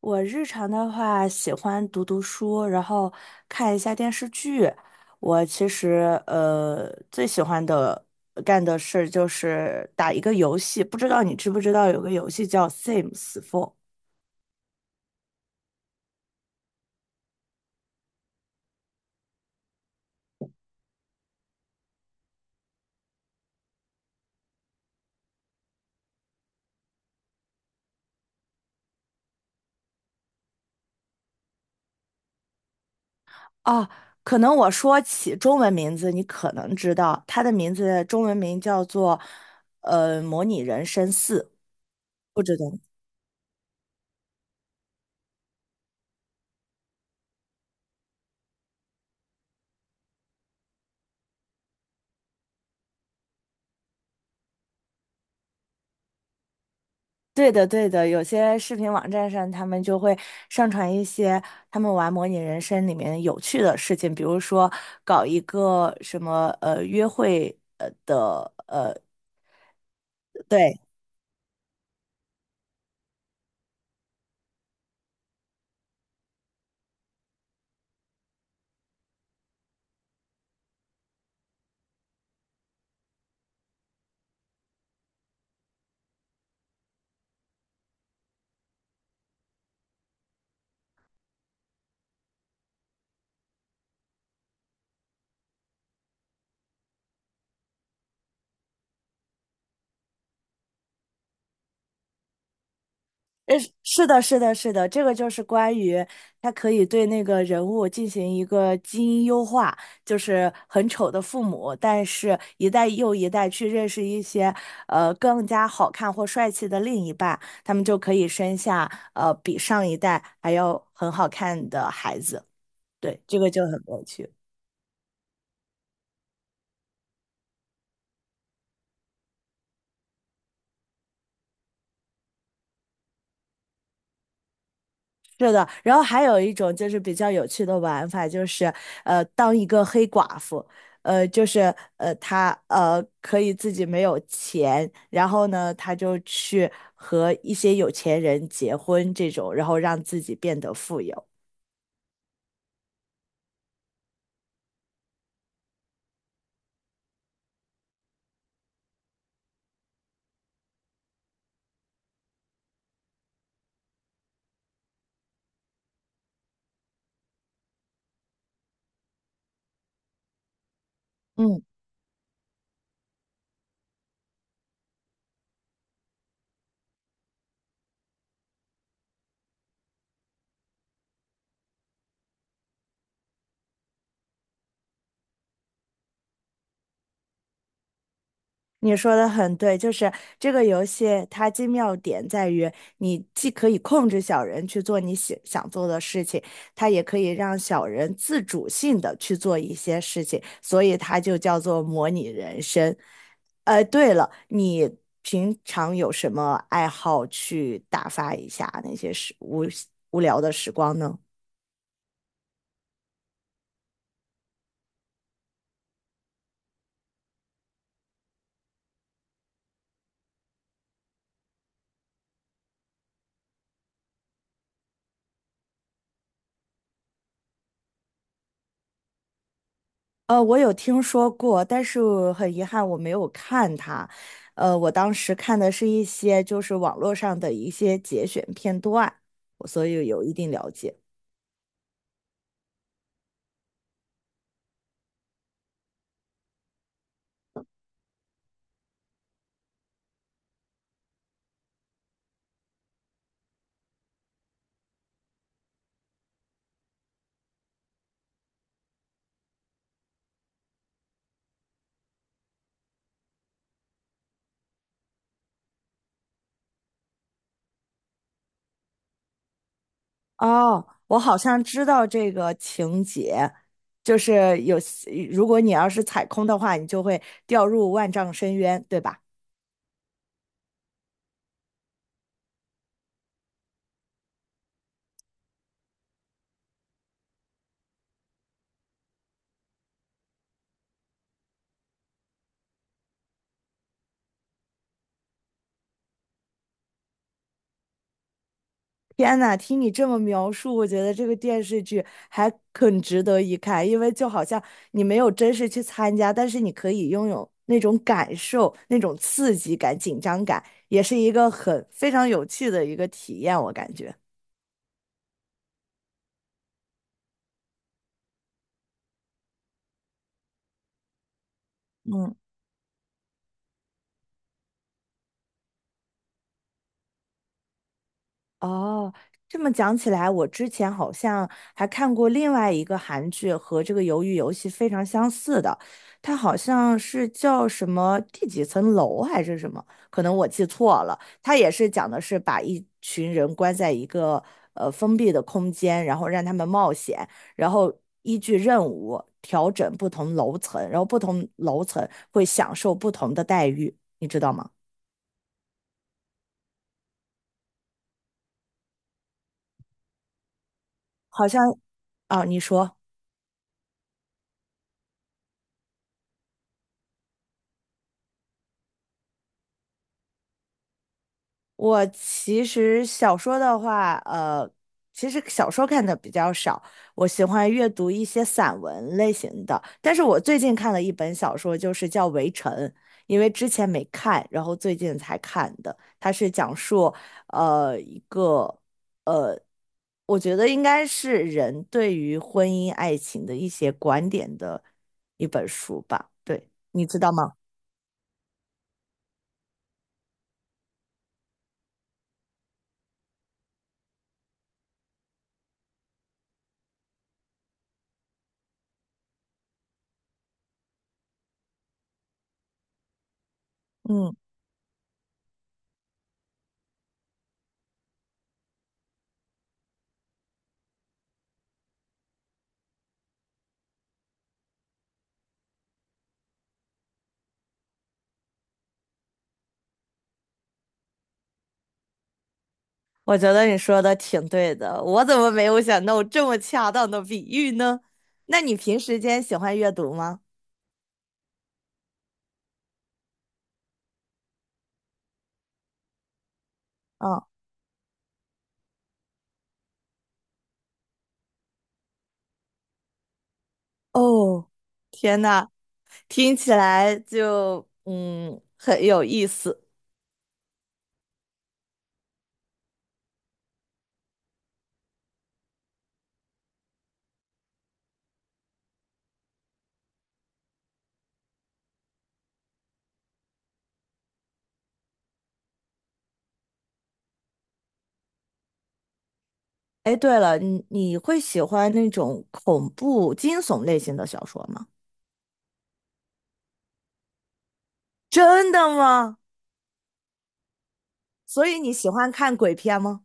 我日常的话，喜欢读读书，然后看一下电视剧。我其实最喜欢的干的事就是打一个游戏，不知道你知不知道有个游戏叫《Sims 4》啊？可能我说起中文名字，你可能知道它的名字中文名叫做《模拟人生四》，不知道。对的，对的，有些视频网站上，他们就会上传一些他们玩模拟人生里面有趣的事情，比如说搞一个什么约会的对呃，是的，是的，是的，这个就是关于他可以对那个人物进行一个基因优化，就是很丑的父母，但是一代又一代去认识一些更加好看或帅气的另一半，他们就可以生下比上一代还要很好看的孩子。对，这个就很有趣。是的，然后还有一种就是比较有趣的玩法，就是当一个黑寡妇，就是她可以自己没有钱，然后呢，她就去和一些有钱人结婚这种，然后让自己变得富有。嗯。你说的很对，就是这个游戏它精妙点在于，你既可以控制小人去做你想做的事情，它也可以让小人自主性的去做一些事情，所以它就叫做模拟人生。对了，你平常有什么爱好去打发一下那些时无无聊的时光呢？我有听说过，但是很遗憾我没有看它。我当时看的是一些就是网络上的一些节选片段，我所以有一定了解。哦，我好像知道这个情节，就是有，如果你要是踩空的话，你就会掉入万丈深渊，对吧？天呐，听你这么描述，我觉得这个电视剧还很值得一看，因为就好像你没有真实去参加，但是你可以拥有那种感受、那种刺激感、紧张感，也是一个很非常有趣的一个体验，我感觉。嗯。哦，这么讲起来，我之前好像还看过另外一个韩剧，和这个《鱿鱼游戏》非常相似的，它好像是叫什么第几层楼还是什么，可能我记错了。它也是讲的是把一群人关在一个封闭的空间，然后让他们冒险，然后依据任务调整不同楼层，然后不同楼层会享受不同的待遇，你知道吗？好像，啊，你说。我其实小说的话，其实小说看的比较少，我喜欢阅读一些散文类型的。但是我最近看了一本小说，就是叫《围城》，因为之前没看，然后最近才看的。它是讲述，一个我觉得应该是人对于婚姻爱情的一些观点的一本书吧。对，你知道吗？嗯。我觉得你说的挺对的，我怎么没有想到这么恰当的比喻呢？那你平时间喜欢阅读吗？嗯，哦，天呐，听起来就嗯很有意思。哎，对了，你会喜欢那种恐怖惊悚类型的小说吗？真的吗？所以你喜欢看鬼片吗？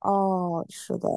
哦，是的。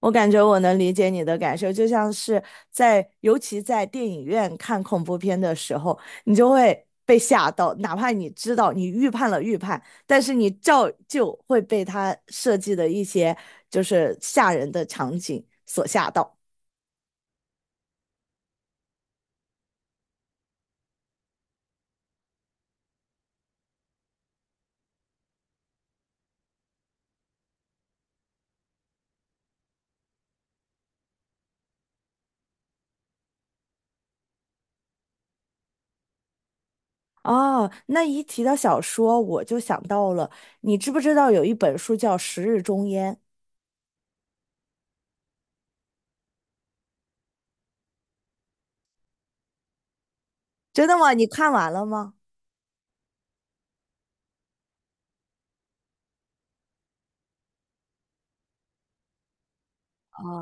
我感觉我能理解你的感受，就像是在，尤其在电影院看恐怖片的时候，你就会被吓到，哪怕你知道你预判了，但是你照旧会被他设计的一些就是吓人的场景所吓到。哦，那一提到小说，我就想到了，你知不知道有一本书叫《十日终焉》？真的吗？你看完了吗？啊。